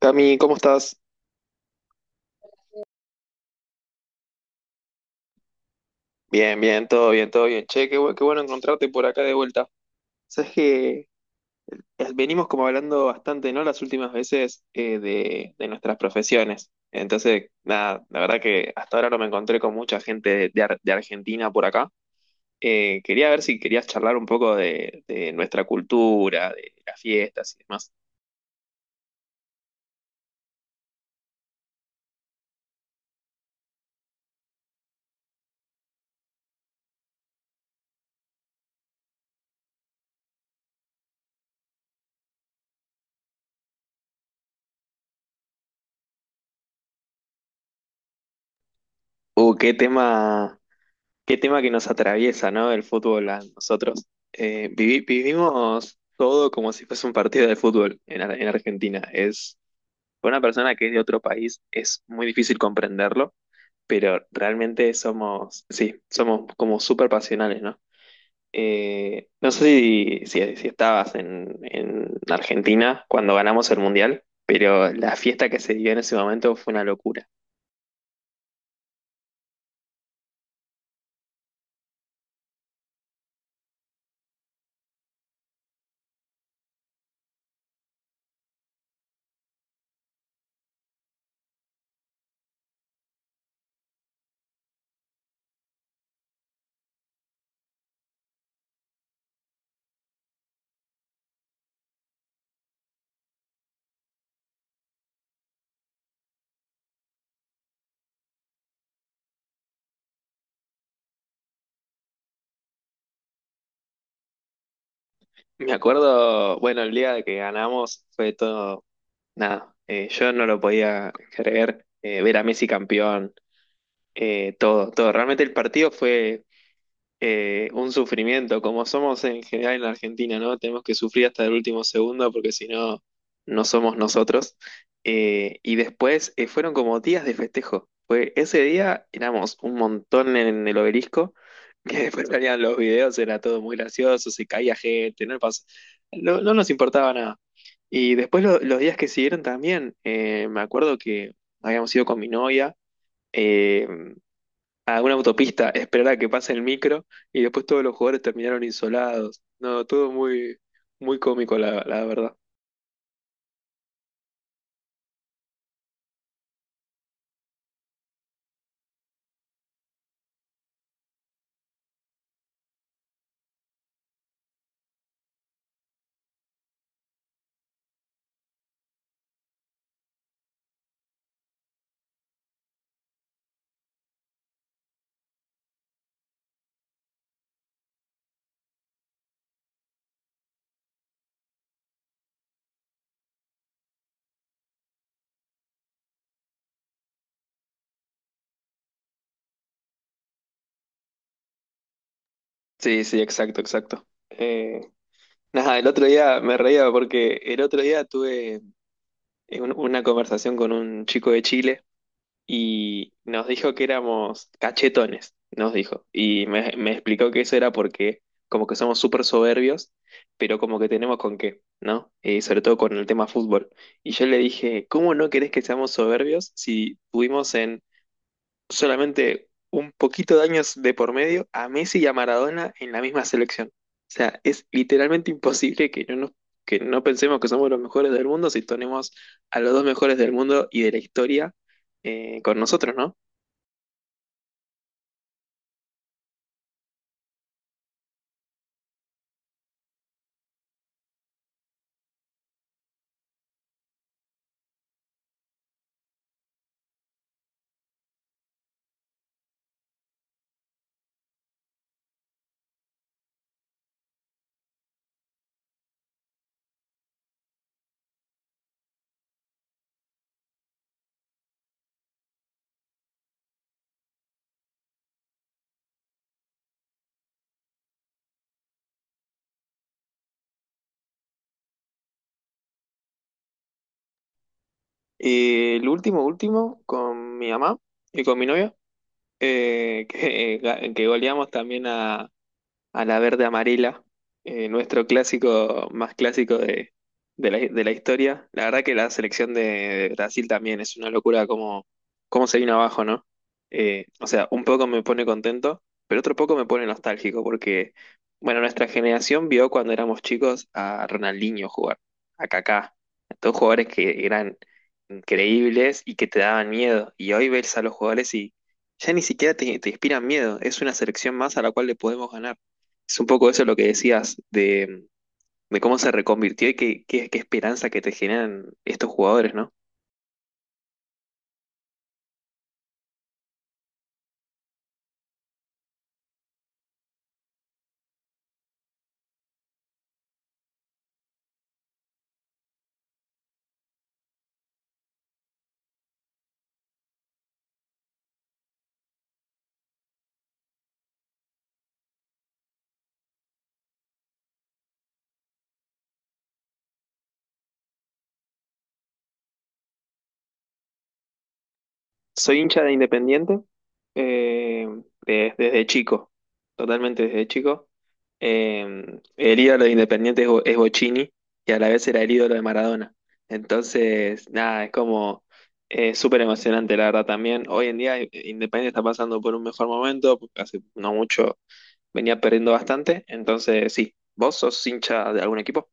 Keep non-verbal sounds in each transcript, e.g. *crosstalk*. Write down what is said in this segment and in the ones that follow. Cami, ¿cómo estás? Bien, bien, todo bien, todo bien. Che, qué bueno encontrarte por acá de vuelta. Sabes que venimos como hablando bastante, ¿no? Las últimas veces de nuestras profesiones. Entonces, nada, la verdad que hasta ahora no me encontré con mucha gente de de Argentina por acá. Quería ver si querías charlar un poco de nuestra cultura, de las fiestas y demás. Uh, qué tema, Qué tema que nos atraviesa, ¿no? El fútbol a nosotros. Vivimos todo como si fuese un partido de fútbol en, en Argentina. Para una persona que es de otro país es muy difícil comprenderlo, pero realmente somos, sí, somos como súper pasionales, ¿no? No sé si estabas en Argentina cuando ganamos el Mundial, pero la fiesta que se dio en ese momento fue una locura. Me acuerdo, bueno, el día que ganamos fue todo nada, yo no lo podía creer, ver a Messi campeón, todo. Realmente el partido fue, un sufrimiento, como somos en general en la Argentina, ¿no? Tenemos que sufrir hasta el último segundo porque si no, no somos nosotros. Y después fueron como días de festejo. Fue, ese día éramos un montón en el obelisco, *laughs* que después salían los videos, era todo muy gracioso, se caía gente, no, no nos importaba nada. Y después los días que siguieron también, me acuerdo que habíamos ido con mi novia. eh, a una autopista, *laughs* esperar a que pase el micro y después todos los jugadores terminaron insolados. No, todo muy, muy cómico, la verdad. Sí, sí, exacto, exacto. Nada, el otro día me reía porque el otro día tuve una conversación con un chico de Chile. Y nos dijo que éramos cachetones, nos dijo. Me explicó que eso era porque como que somos súper soberbios, pero como que tenemos con qué, ¿no? Sobre todo con el tema fútbol. Y yo le dije, ¿cómo no querés que seamos soberbios si tuvimos en solamente un poquito de años de por medio a Messi y a Maradona en la misma selección? O sea, es literalmente imposible que no pensemos que somos los mejores del mundo si tenemos a los dos mejores del mundo y de la historia con nosotros, ¿no? Último, con mi mamá y con mi novia, *laughs* que goleamos también a la verde amarela, nuestro clásico más clásico de, de la historia. La verdad que la selección de Brasil también es una locura cómo se vino abajo, ¿no? O sea, un poco me pone contento, pero otro poco me pone nostálgico porque, bueno, nuestra generación vio cuando éramos chicos a Ronaldinho jugar, a Kaká, a todos jugadores que eran increíbles y que te daban miedo. Y hoy ves a los jugadores y ya ni siquiera te inspiran miedo. Es una selección más a la cual le podemos ganar. Es un poco eso lo que decías de cómo se reconvirtió y qué esperanza que te generan estos jugadores, ¿no? Soy hincha de Independiente eh, desde chico, totalmente desde chico. Eh, el ídolo de Independiente es Bochini y a la vez era el ídolo de Maradona. Entonces, nada, es como súper emocionante, la verdad también. Hoy en día Independiente está pasando por un mejor momento, porque hace no mucho venía perdiendo bastante. Entonces, sí, ¿vos sos hincha de algún equipo?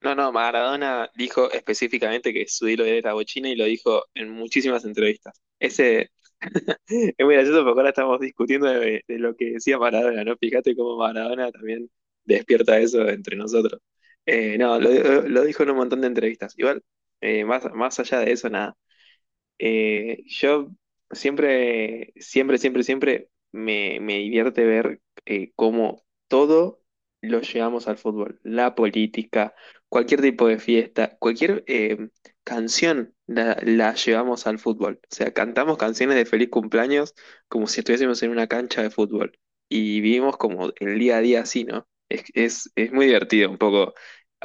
No, no, Maradona dijo específicamente que su ídolo era bochina y lo dijo en muchísimas entrevistas. Ese es muy gracioso porque ahora estamos discutiendo de lo que decía Maradona, ¿no? Fíjate cómo Maradona también despierta eso entre nosotros. No, lo dijo en un montón de entrevistas. Igual, más allá de eso, nada. Yo siempre me divierte ver cómo todo lo llevamos al fútbol. La política, cualquier tipo de fiesta, cualquier canción la llevamos al fútbol. O sea, cantamos canciones de feliz cumpleaños como si estuviésemos en una cancha de fútbol. Y vivimos como el día a día así, ¿no? Es muy divertido un poco.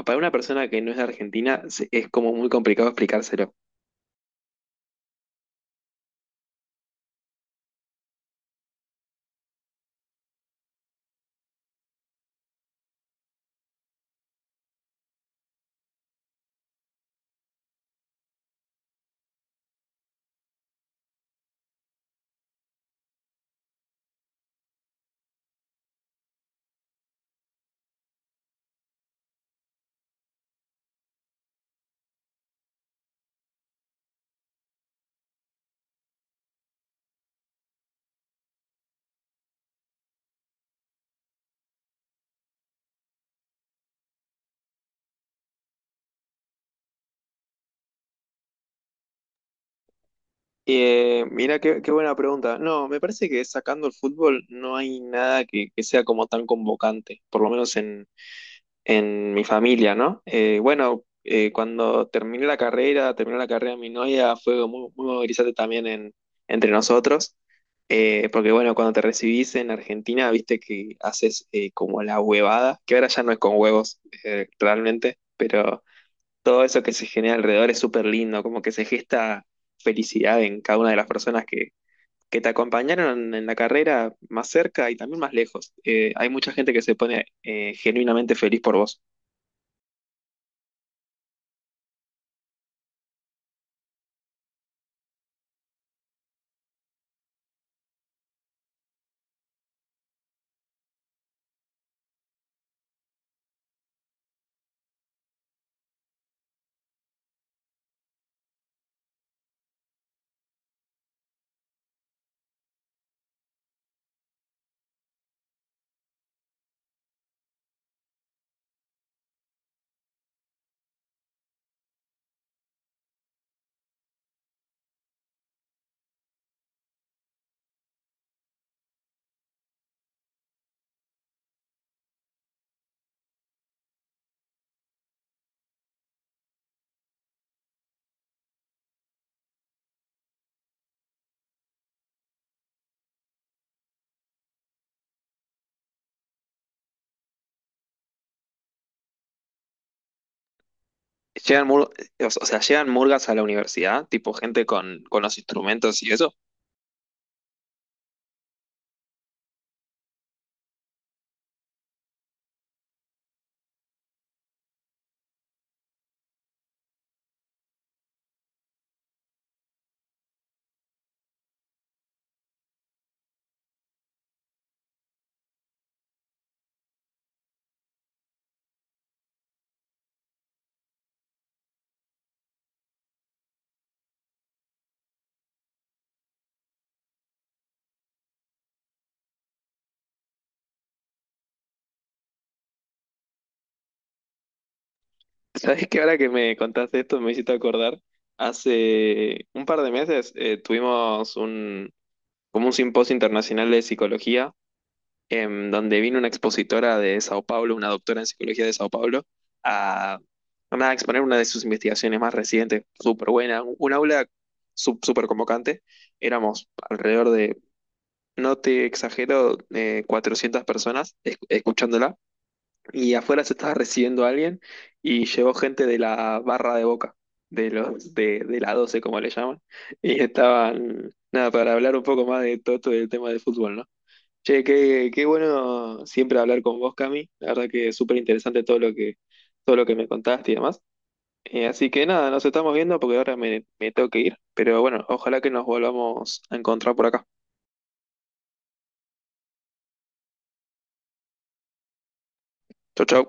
Para una persona que no es de Argentina es como muy complicado explicárselo. Qué buena pregunta. No, me parece que sacando el fútbol no hay nada que sea como tan convocante, por lo menos en mi familia, ¿no? Bueno, cuando terminé la carrera, terminó la carrera mi novia, fue muy, muy movilizante también en, entre nosotros, porque bueno, cuando te recibís en Argentina, viste que haces como la huevada, que ahora ya no es con huevos realmente, pero todo eso que se genera alrededor es súper lindo, como que se gesta felicidad en cada una de las personas que te acompañaron en la carrera más cerca y también más lejos. Hay mucha gente que se pone genuinamente feliz por vos. Llegan mur- o sea, llegan murgas a la universidad, tipo gente con los instrumentos y eso. *laughs* ¿Sabés que ahora que me contaste esto me hiciste acordar? Hace un par de meses tuvimos como un simposio internacional de psicología em, donde vino una expositora de Sao Paulo, una doctora en psicología de Sao Paulo, a, nada, a exponer una de sus investigaciones más recientes, súper buena, un aula súper convocante. Éramos alrededor de, no te exagero, 400 personas escuchándola, y afuera se estaba recibiendo a alguien y llegó gente de la barra de Boca. De la doce como le llaman, y estaban, nada, para hablar un poco más de todo, todo el tema de fútbol, ¿no? Che, qué bueno siempre hablar con vos, Cami. La verdad que es súper interesante todo lo que me contaste y demás. Así que nada, nos estamos viendo porque ahora me tengo que ir. Pero bueno, ojalá que nos volvamos a encontrar por acá. Chau, chau.